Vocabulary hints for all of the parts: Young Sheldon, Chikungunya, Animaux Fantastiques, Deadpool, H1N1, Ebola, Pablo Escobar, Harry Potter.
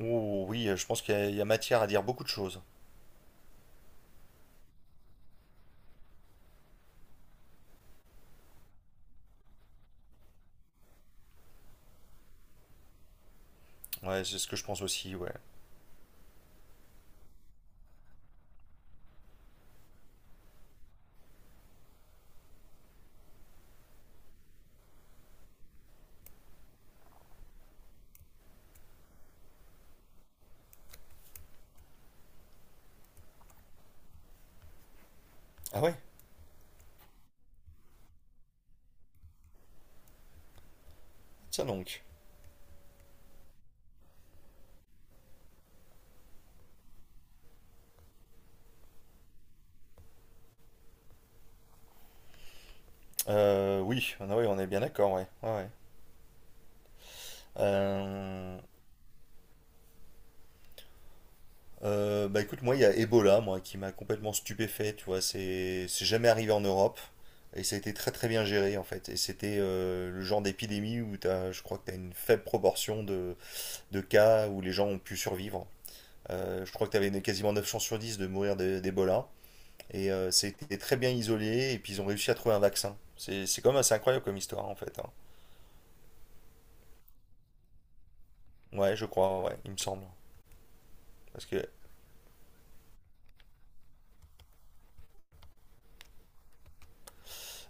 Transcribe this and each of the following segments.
Oh, oui, je pense qu'il y a matière à dire beaucoup de choses. Ouais, c'est ce que je pense aussi, ouais. Ah ouais, tiens donc. Oui, ah ouais, on est bien d'accord, ouais. Ouais, ouais. Euh, bah écoute, moi, il y a Ebola, moi, qui m'a complètement stupéfait, tu vois. C'est jamais arrivé en Europe. Et ça a été très très bien géré en fait. Et c'était le genre d'épidémie où t'as, je crois que tu as une faible proportion de cas où les gens ont pu survivre. Je crois que tu avais quasiment 9 chances sur 10 de mourir d'Ebola. Et c'était très bien isolé, et puis ils ont réussi à trouver un vaccin. C'est quand même assez incroyable comme histoire, en fait, hein. Ouais, je crois, ouais, il me semble. Parce que,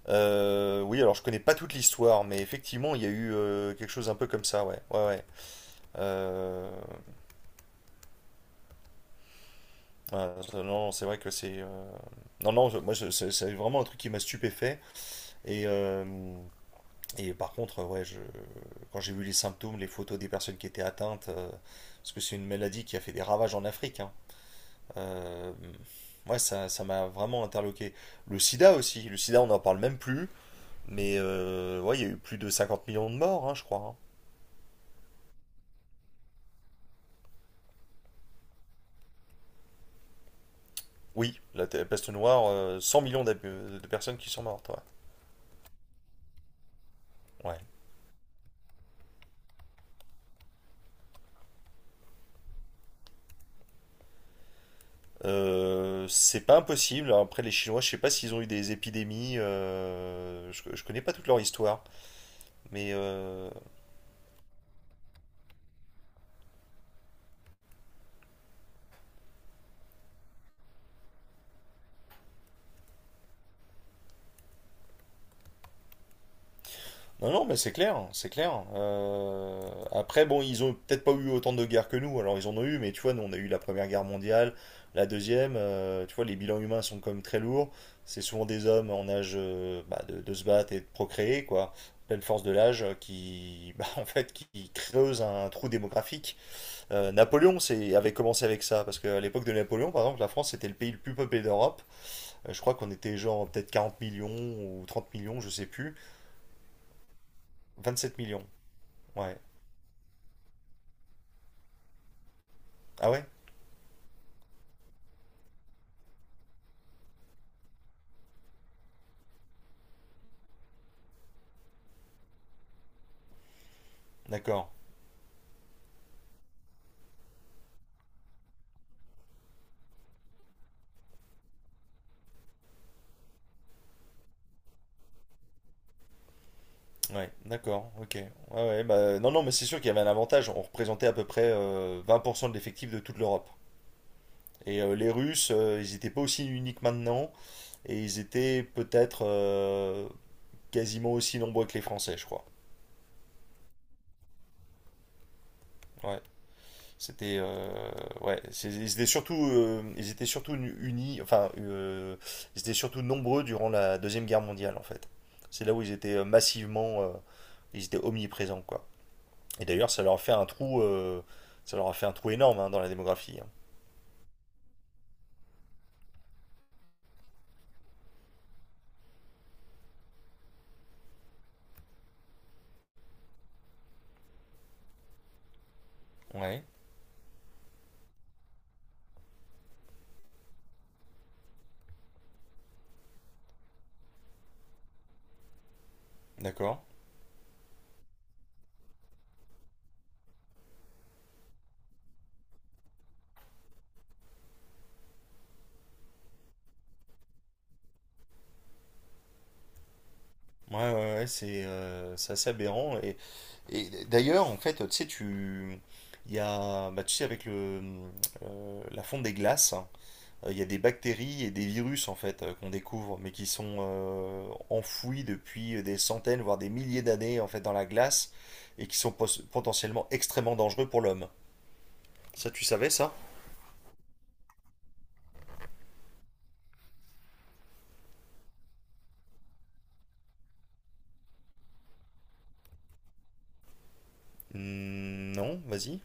oui, alors je connais pas toute l'histoire, mais effectivement, il y a eu quelque chose un peu comme ça, ouais, ouais, ouais. Euh, ouais, non, non, c'est vrai que c'est. Non, non, moi, c'est vraiment un truc qui m'a stupéfait. Et, euh, et par contre, ouais, je... quand j'ai vu les symptômes, les photos des personnes qui étaient atteintes, parce que c'est une maladie qui a fait des ravages en Afrique, hein. Euh, ouais, ça, ça m'a vraiment interloqué. Le sida aussi. Le sida, on n'en parle même plus. Mais ouais, il y a eu plus de 50 millions de morts, hein, je crois, hein. Oui, la peste noire, 100 millions de personnes qui sont mortes. Ouais. Ouais. C'est pas impossible. Après, les Chinois, je sais pas s'ils ont eu des épidémies, je connais pas toute leur histoire. Mais euh, Non, non, mais c'est clair, c'est clair. Après, bon, ils ont peut-être pas eu autant de guerres que nous, alors ils en ont eu, mais tu vois, nous on a eu la Première Guerre mondiale, la Deuxième, tu vois, les bilans humains sont quand même très lourds. C'est souvent des hommes en âge bah, de se battre et de procréer, quoi, pleine force de l'âge, bah, en fait, qui creuse un trou démographique. Napoléon avait commencé avec ça, parce qu'à l'époque de Napoléon, par exemple, la France était le pays le plus peuplé d'Europe. Je crois qu'on était genre peut-être 40 millions ou 30 millions, je sais plus. 27 millions. Ouais. Ah ouais? D'accord. Ouais, d'accord, ok. Ouais, ouais, bah, non, non, mais c'est sûr qu'il y avait un avantage. On représentait à peu près 20% de l'effectif de toute l'Europe. Et les Russes, ils n'étaient pas aussi uniques maintenant, et ils étaient peut-être quasiment aussi nombreux que les Français, je crois. Ouais, c'était, ouais, ils étaient surtout unis, enfin, ils étaient surtout nombreux durant la Deuxième Guerre mondiale, en fait. C'est là où ils étaient massivement, ils étaient omniprésents, quoi. Et d'ailleurs, ça leur a fait un trou énorme hein, dans la démographie, hein. Ouais, d'accord. Ouais, ouais, ouais, c'est assez aberrant. Et d'ailleurs, en fait, tu sais, tu. Il y a. Bah, tu sais, avec la fonte des glaces, hein, il y a des bactéries et des virus, en fait, qu'on découvre, mais qui sont enfouis depuis des centaines, voire des milliers d'années, en fait, dans la glace, et qui sont potentiellement extrêmement dangereux pour l'homme. Ça, tu savais ça? Hmm, non, vas-y.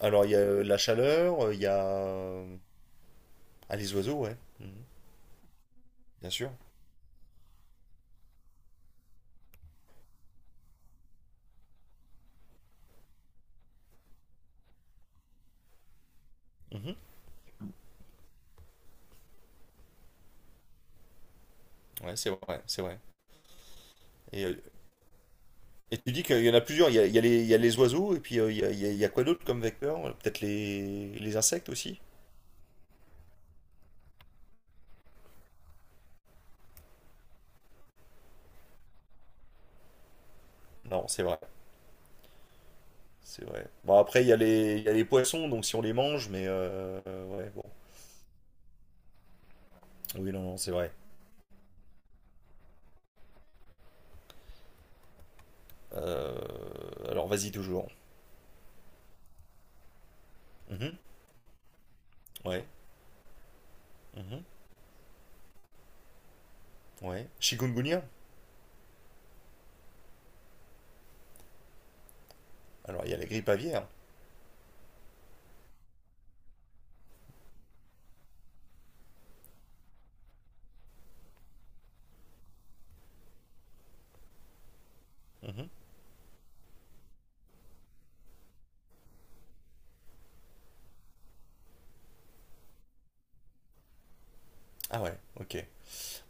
Alors, il y a la chaleur, il y a. Ah, les oiseaux, ouais. Mhm. Bien sûr. Mhm. Ouais, c'est vrai, c'est vrai. Et, euh, et tu dis qu'il y en a plusieurs. Il y a les oiseaux, et puis il y a quoi d'autre comme vecteur? Peut-être les insectes aussi? Non, c'est vrai. C'est vrai. Bon, après, il y a les poissons, donc si on les mange, mais ouais, bon. Oui, non, non, c'est vrai. Alors, vas-y, toujours. Mhm. Ouais. Mhm. Ouais. Chikungunya? Alors, il y a la grippe aviaire. Mhm. Ah, ouais, ok.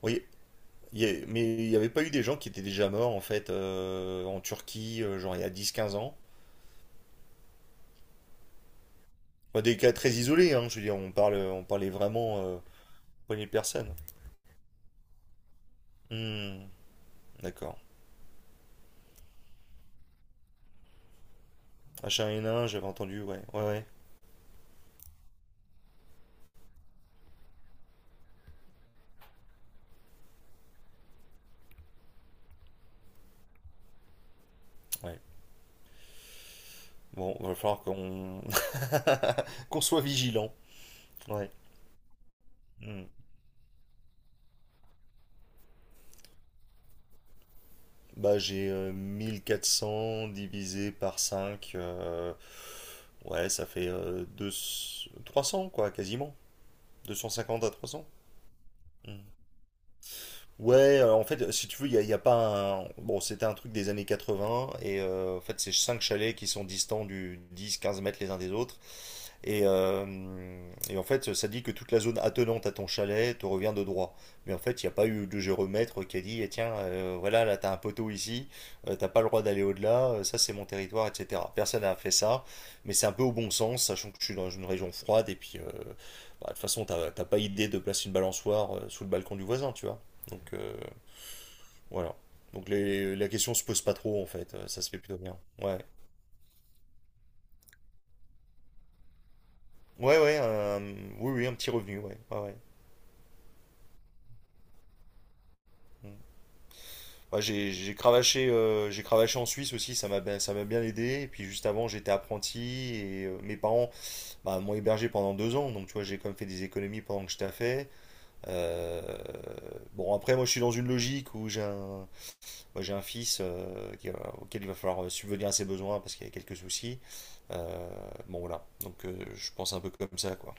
Oui, mais il n'y avait pas eu des gens qui étaient déjà morts en fait en Turquie, genre il y a 10-15 ans. Enfin, des cas très isolés, hein, je veux dire, on parlait vraiment poignée de personnes. Hmm, d'accord. H1N1, j'avais entendu, ouais, ouais, ouais, ouais. Bon, va falloir qu'on qu'on soit vigilant. Ouais. Hmm. Bah, j'ai 1 400 divisé par 5, ouais, ça fait 300 quoi, quasiment. 250 à 300. Hmm. Ouais, en fait, si tu veux, il y a pas un... Bon, c'était un truc des années 80, et en fait, c'est cinq chalets qui sont distants du 10-15 mètres les uns des autres, et, euh, et en fait, ça dit que toute la zone attenante à ton chalet te revient de droit. Mais en fait, il n'y a pas eu de géomètre qui a dit, eh tiens, voilà, là, t'as un poteau ici, t'as pas le droit d'aller au-delà, ça, c'est mon territoire, etc. Personne n'a fait ça, mais c'est un peu au bon sens, sachant que je suis dans une région froide, et puis, bah, de toute façon, t'as pas idée de placer une balançoire sous le balcon du voisin, tu vois. Donc, voilà. Donc, la question se pose pas trop, en fait, ça se fait plutôt bien. Ouais. Ouais, ouais, oui, oui, un petit revenu, ouais. Ouais, ouais. Mm. Ouais, j'ai cravaché en Suisse aussi, ça m'a bien aidé. Et puis juste avant, j'étais apprenti et mes parents bah, m'ont hébergé pendant 2 ans. Donc tu vois, j'ai quand même fait des économies pendant que je taffais. Euh, bon, après, moi je suis dans une logique où moi, j'ai un fils auquel il va falloir subvenir à ses besoins parce qu'il y a quelques soucis. Euh, bon, voilà. Donc je pense un peu comme ça, quoi.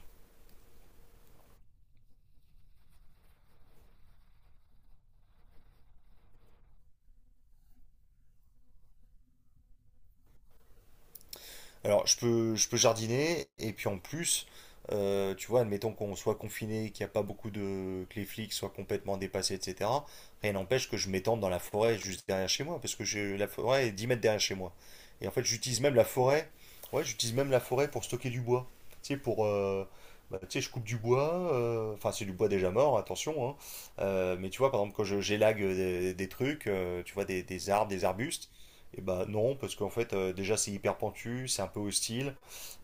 Alors, je peux jardiner, et puis en plus, tu vois, admettons qu'on soit confiné, qu'il n'y a pas beaucoup de... que les flics soient complètement dépassés, etc. Rien n'empêche que je m'étende dans la forêt juste derrière chez moi, parce que j'ai la forêt est 10 mètres derrière chez moi. Et en fait, j'utilise même la forêt, ouais, j'utilise même la forêt pour stocker du bois. Tu sais, pour... bah, tu sais, je coupe du bois, enfin c'est du bois déjà mort, attention, hein. Mais tu vois, par exemple, j'élague des trucs, tu vois, des arbres, des arbustes, et bah non, parce qu'en fait, déjà c'est hyper pentu, c'est un peu hostile.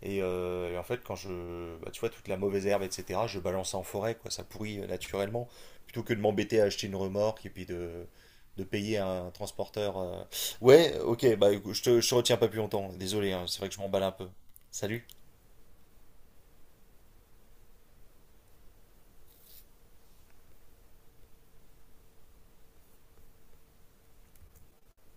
Et en fait, quand je. Bah, tu vois, toute la mauvaise herbe, etc., je balance ça en forêt, quoi, ça pourrit naturellement. Plutôt que de m'embêter à acheter une remorque et puis de payer un transporteur. Ouais, ok, bah écoute, je te retiens pas plus longtemps, désolé, hein, c'est vrai que je m'emballe un peu. Salut!